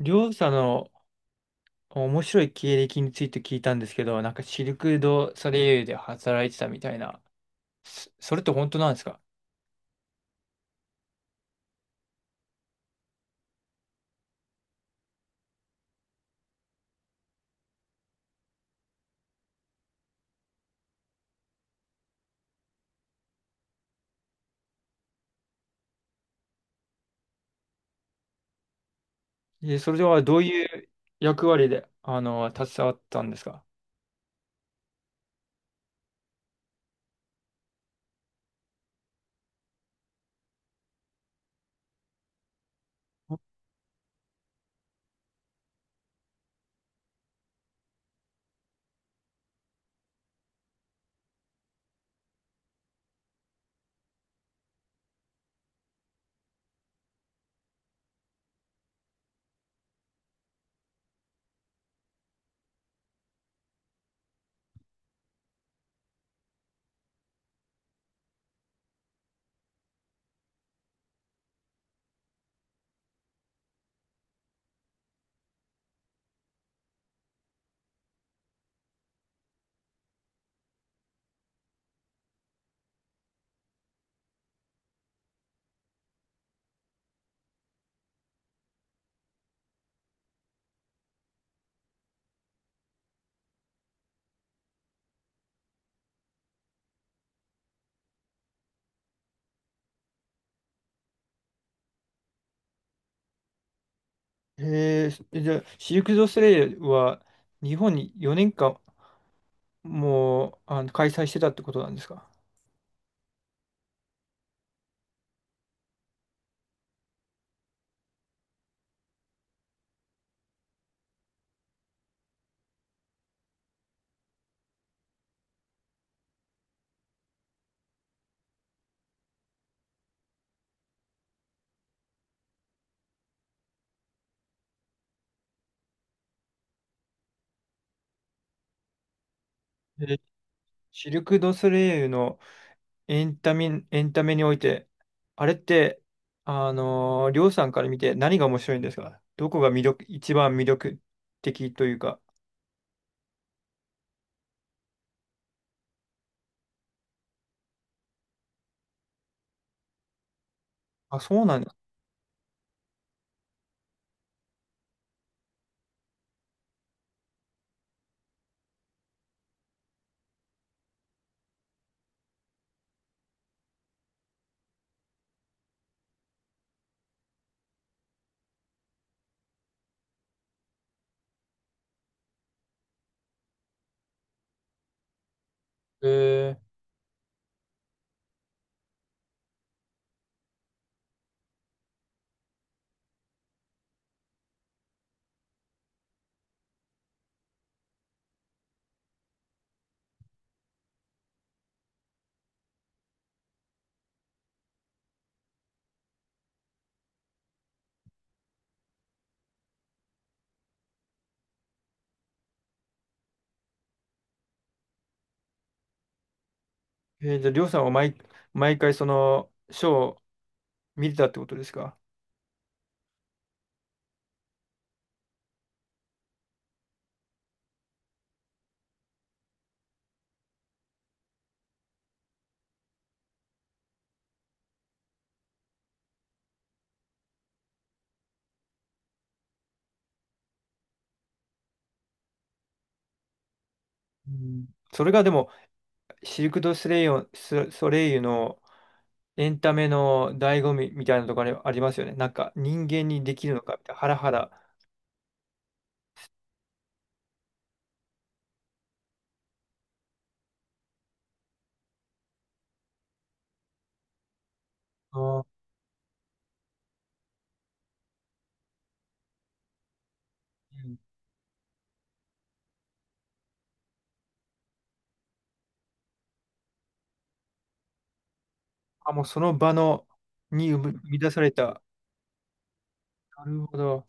りょうさんの面白い経歴について聞いたんですけど、なんかシルク・ドゥ・ソレイユで働いてたみたいな、それって本当なんですか？それではどういう役割で、携わったんですか？へえ、じゃあ、シルク・ドゥ・ソレイユは日本に4年間もう、開催してたってことなんですか？え、シルク・ドゥソレイユのエンタメにおいて、あれって、りょうさんから見て何が面白いんですか？どこが魅力、一番魅力的というか。あ、そうなんだ。へえ。じゃあ、りょうさんは毎回そのショーを見てたってことですか？うん。それがでも、シルク・ドゥ・ソレイユのエンタメの醍醐味みたいなところありますよね。なんか人間にできるのかみたいな、ハラハラ。あー、うん。あ、もうその場のに生み出された。なるほど。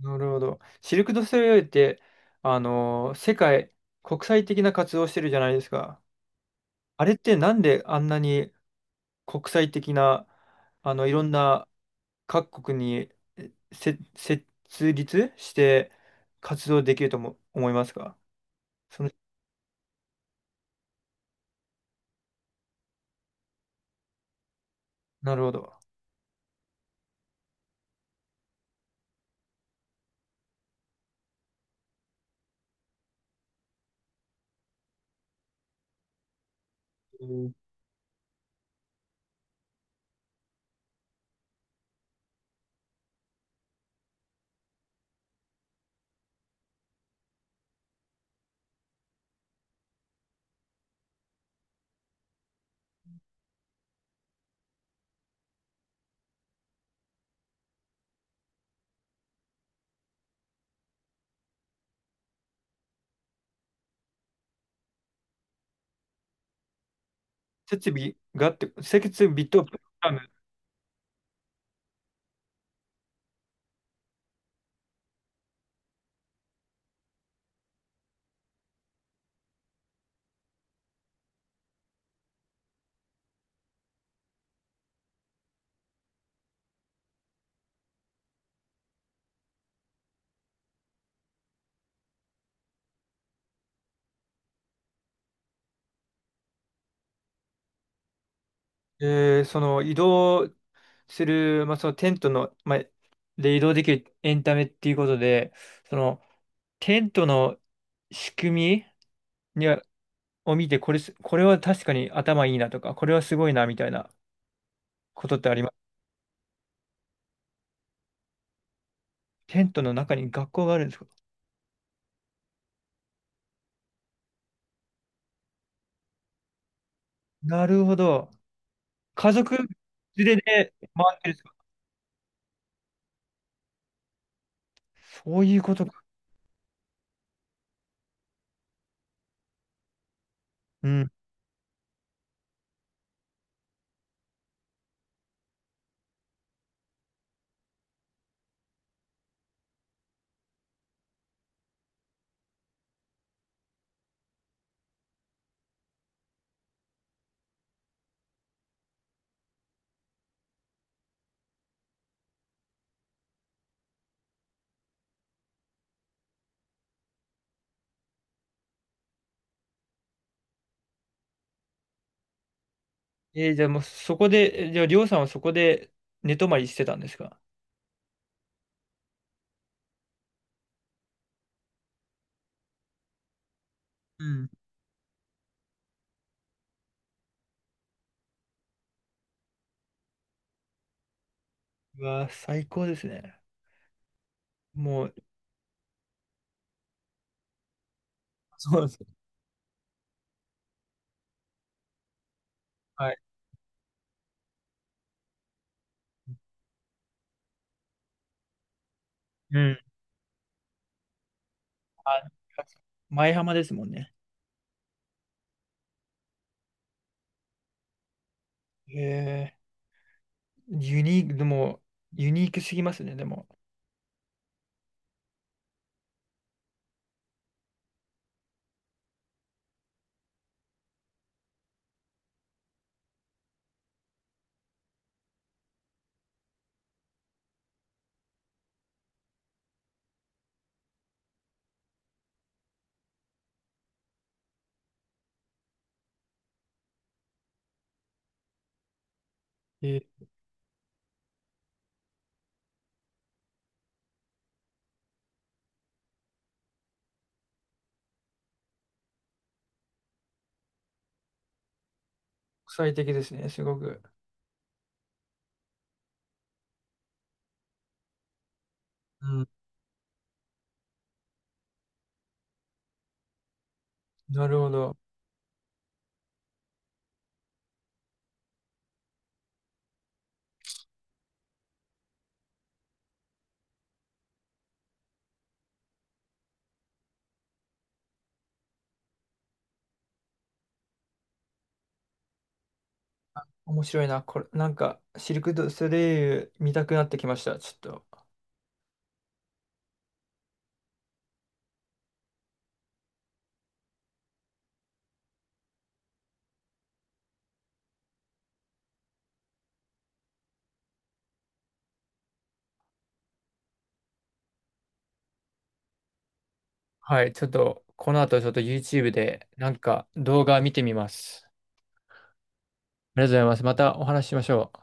なるほど。シルク・ドゥ・ソレイユって、世界、国際的な活動をしてるじゃないですか。あれってなんであんなに国際的な、いろんな各国に設立して活動できるとも思いますか？その、なるほど。えー設備があって、設備と、その移動する、まあ、そのテントの、まあ、で移動できるエンタメっていうことで、そのテントの仕組みにはを見て、これは確かに頭いいなとか、これはすごいなみたいなことってあります。テントの中に学校があるんですか？なるほど。家族連れで回ってるんですか？そういうことか。うん。じゃあもうそこで、じゃありょうさんはそこで寝泊まりしてたんですか？うん。うわ、最高ですね。もう、そうですね。はい。うん。あ、舞浜ですもんね。えユニーク、でも、ユニークすぎますね、でも。えー国際的ですね、すごく。うん。なるほど。面白いな、これ。なんか、シルク・ドゥ・ソレイユ見たくなってきました、ちょっと。はい、ちょっと、この後ちょっと YouTube でなんか動画見てみます。ありがとうございます。またお話ししましょう。